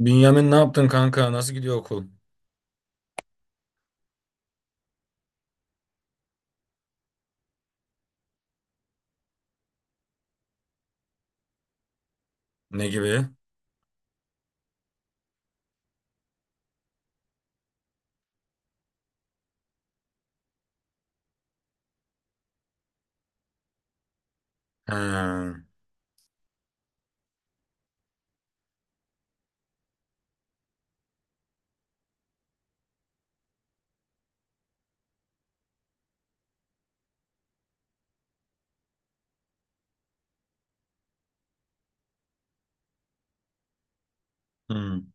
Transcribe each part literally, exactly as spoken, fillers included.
Bünyamin ne yaptın kanka? Nasıl gidiyor okul? Ne gibi? Ha. Hmm.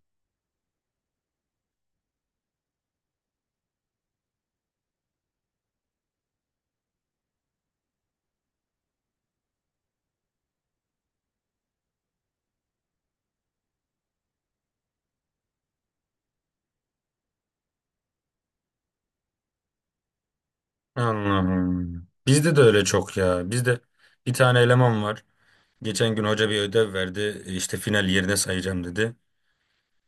Anladım. Bizde de öyle çok ya. Bizde bir tane eleman var. Geçen gün hoca bir ödev verdi. E, İşte final yerine sayacağım dedi.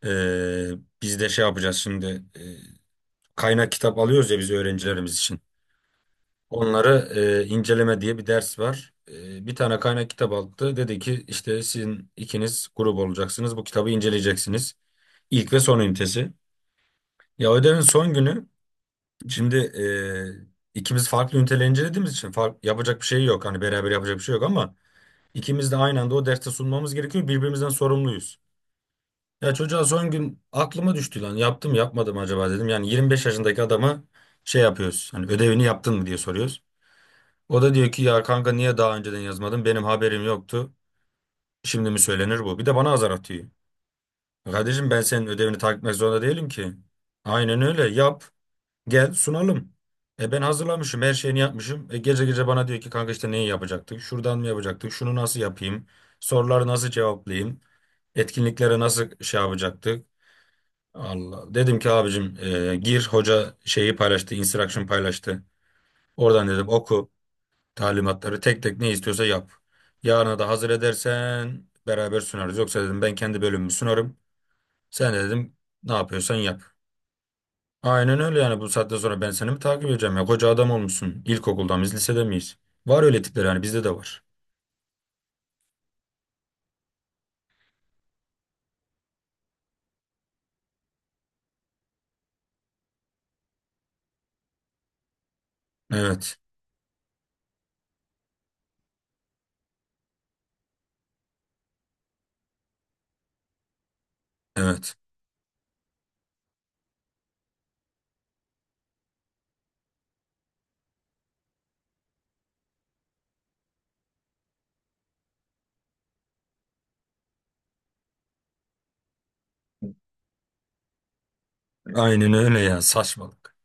Ee, Biz de şey yapacağız şimdi. e, kaynak kitap alıyoruz ya biz öğrencilerimiz için. Onları e, inceleme diye bir ders var. E, bir tane kaynak kitap aldı. Dedi ki işte sizin ikiniz grup olacaksınız. Bu kitabı inceleyeceksiniz. İlk ve son ünitesi. Ya ödevin son günü. Şimdi e, ikimiz farklı üniteler incelediğimiz için fark, yapacak bir şey yok. Hani beraber yapacak bir şey yok ama ikimiz de aynı anda o derste sunmamız gerekiyor. Birbirimizden sorumluyuz. Ya çocuğa son gün aklıma düştü lan. Yaptım yapmadım acaba dedim. Yani yirmi beş yaşındaki adama şey yapıyoruz. Hani ödevini yaptın mı diye soruyoruz. O da diyor ki ya kanka niye daha önceden yazmadın? Benim haberim yoktu. Şimdi mi söylenir bu? Bir de bana azar atıyor. Kardeşim ben senin ödevini takip etmek zorunda değilim ki. Aynen öyle yap. Gel sunalım. E ben hazırlamışım, her şeyini yapmışım. E gece gece bana diyor ki kanka işte neyi yapacaktık? Şuradan mı yapacaktık? Şunu nasıl yapayım? Soruları nasıl cevaplayayım? Etkinliklere nasıl şey yapacaktık? Allah. Dedim ki abicim e, gir hoca şeyi paylaştı, instruction paylaştı. Oradan dedim oku talimatları tek tek ne istiyorsa yap. Yarına da hazır edersen beraber sunarız. Yoksa dedim ben kendi bölümümü sunarım. Sen de dedim ne yapıyorsan yap. Aynen öyle yani bu saatten sonra ben seni mi takip edeceğim ya? Koca adam olmuşsun. İlkokulda mıyız, lisede miyiz? Var öyle tipler yani bizde de var. Evet, evet. Aynen öyle ya saçmalık.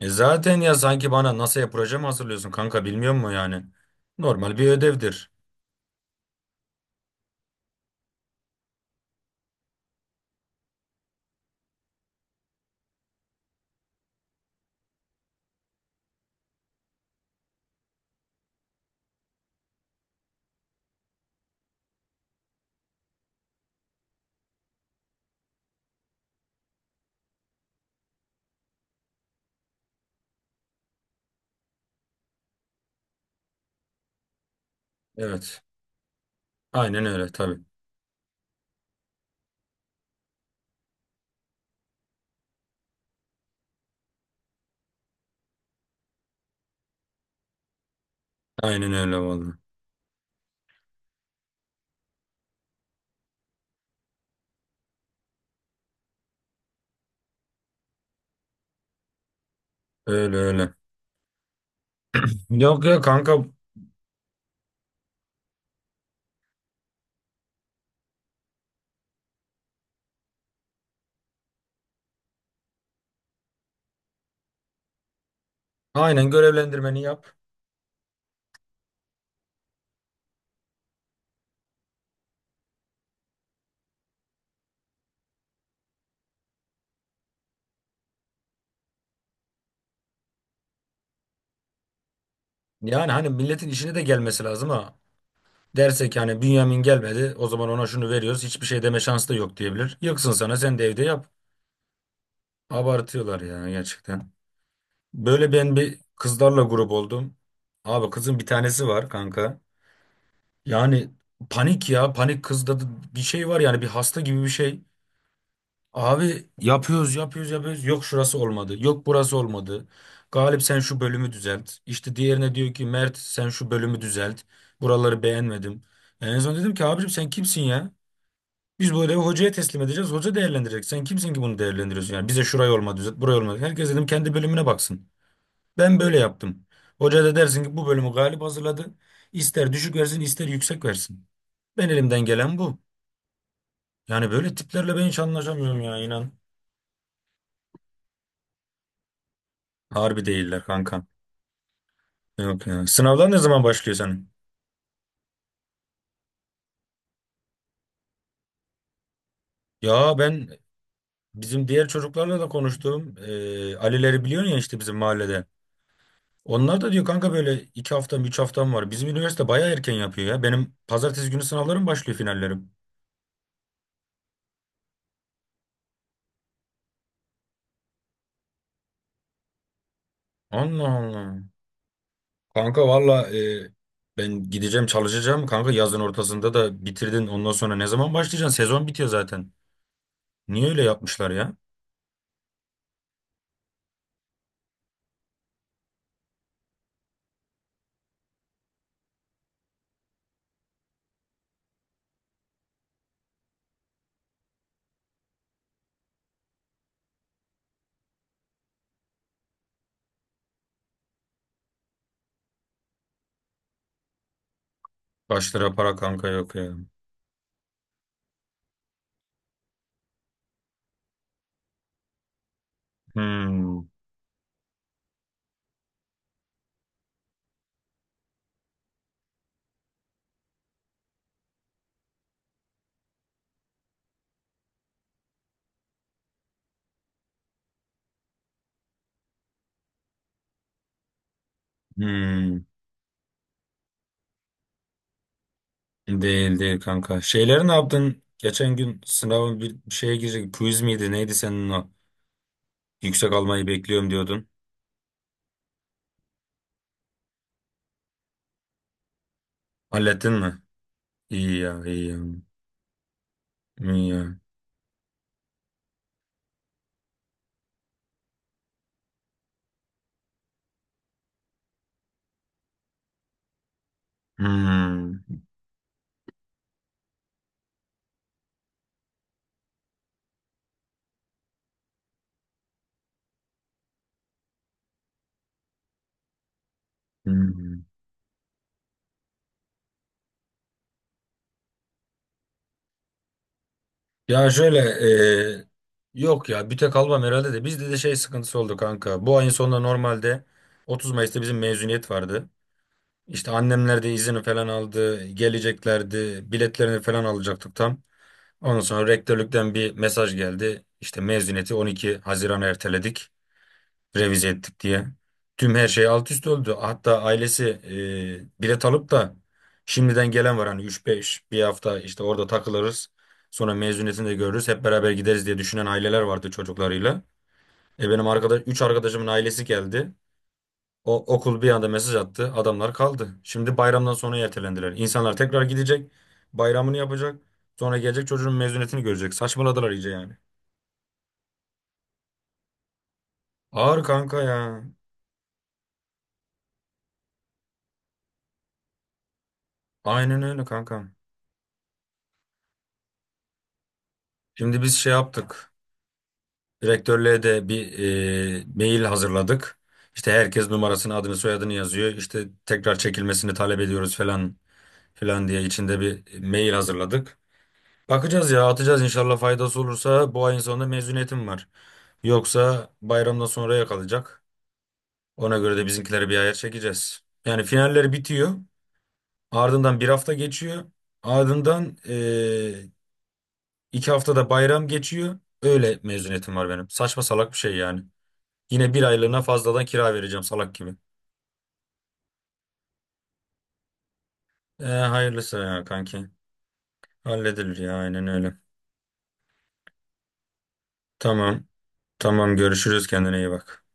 E zaten ya sanki bana NASA'ya proje mi hazırlıyorsun kanka bilmiyor musun yani? Normal bir ödevdir. Evet. Aynen öyle tabii. Aynen öyle vallahi. Öyle öyle. Yok ya kanka, aynen görevlendirmeni yap. Yani hani milletin işine de gelmesi lazım ha. Derse ki hani Bünyamin gelmedi o zaman ona şunu veriyoruz, hiçbir şey deme şansı da yok diyebilir. Yıksın sana, sen de evde yap. Abartıyorlar ya gerçekten. Böyle ben bir kızlarla grup oldum. Abi kızın bir tanesi var kanka. Yani panik ya, panik kızda da bir şey var yani, bir hasta gibi bir şey. Abi yapıyoruz yapıyoruz yapıyoruz, yok şurası olmadı yok burası olmadı. Galip sen şu bölümü düzelt. İşte diğerine diyor ki Mert sen şu bölümü düzelt. Buraları beğenmedim. En son dedim ki abicim sen kimsin ya? Biz bu ödevi hocaya teslim edeceğiz. Hoca değerlendirecek. Sen kimsin ki bunu değerlendiriyorsun? Yani bize şurayı olmadı düzelt, burayı olmadı. Herkes dedim kendi bölümüne baksın. Ben böyle yaptım. Hoca da dersin ki bu bölümü Galip hazırladı. İster düşük versin, ister yüksek versin. Ben elimden gelen bu. Yani böyle tiplerle ben hiç anlaşamıyorum ya, inan. Harbi değiller kanka. Yok ya. Sınavlar ne zaman başlıyor senin? Ya ben bizim diğer çocuklarla da konuştum. Ee, Ali'leri biliyorsun ya, işte bizim mahallede. Onlar da diyor kanka böyle iki haftam üç haftam var. Bizim üniversite baya erken yapıyor ya. Benim pazartesi günü sınavlarım başlıyor, finallerim. Allah Allah. Kanka valla e, ben gideceğim çalışacağım. Kanka yazın ortasında da bitirdin. Ondan sonra ne zaman başlayacaksın? Sezon bitiyor zaten. Niye öyle yapmışlar ya? Başlara para kanka yok ya. Hmm. Hmm. Değil değil kanka. Şeyleri ne yaptın? Geçen gün sınavın bir bir şeye girecek. Quiz miydi? Neydi senin o? Yüksek almayı bekliyorum diyordun. Hallettin mi? İyi ya, iyi ya. Ya. Hmm. Hmm. Ya şöyle e, yok ya, bir tek almam herhalde, de bizde de şey sıkıntısı oldu kanka. Bu ayın sonunda normalde otuz Mayıs'ta bizim mezuniyet vardı. İşte annemler de izini falan aldı. Geleceklerdi. Biletlerini falan alacaktık tam. Ondan sonra rektörlükten bir mesaj geldi. İşte mezuniyeti on iki Haziran'a erteledik, revize ettik diye. Tüm her şey alt üst oldu. Hatta ailesi e, bilet alıp da şimdiden gelen var. Hani üç beş bir hafta işte orada takılırız. Sonra mezuniyetini de görürüz. Hep beraber gideriz diye düşünen aileler vardı çocuklarıyla. E benim arkadaş, üç arkadaşımın ailesi geldi. O okul bir anda mesaj attı. Adamlar kaldı. Şimdi bayramdan sonra ertelendiler. İnsanlar tekrar gidecek. Bayramını yapacak. Sonra gelecek çocuğun mezuniyetini görecek. Saçmaladılar iyice yani. Ağır kanka ya. Aynen öyle kanka. Şimdi biz şey yaptık. Direktörlüğe de bir e, mail hazırladık. İşte herkes numarasını, adını, soyadını yazıyor. İşte tekrar çekilmesini talep ediyoruz falan filan diye içinde bir mail hazırladık. Bakacağız ya, atacağız, inşallah faydası olursa bu ayın sonunda mezuniyetim var. Yoksa bayramdan sonraya kalacak. Ona göre de bizimkileri bir ayar çekeceğiz. Yani finaller bitiyor. Ardından bir hafta geçiyor. Ardından e, iki haftada bayram geçiyor. Öyle mezuniyetim var benim. Saçma salak bir şey yani. Yine bir aylığına fazladan kira vereceğim salak gibi. E, hayırlısı ya kanki. Halledilir ya, aynen öyle. Tamam. Tamam, görüşürüz, kendine iyi bak.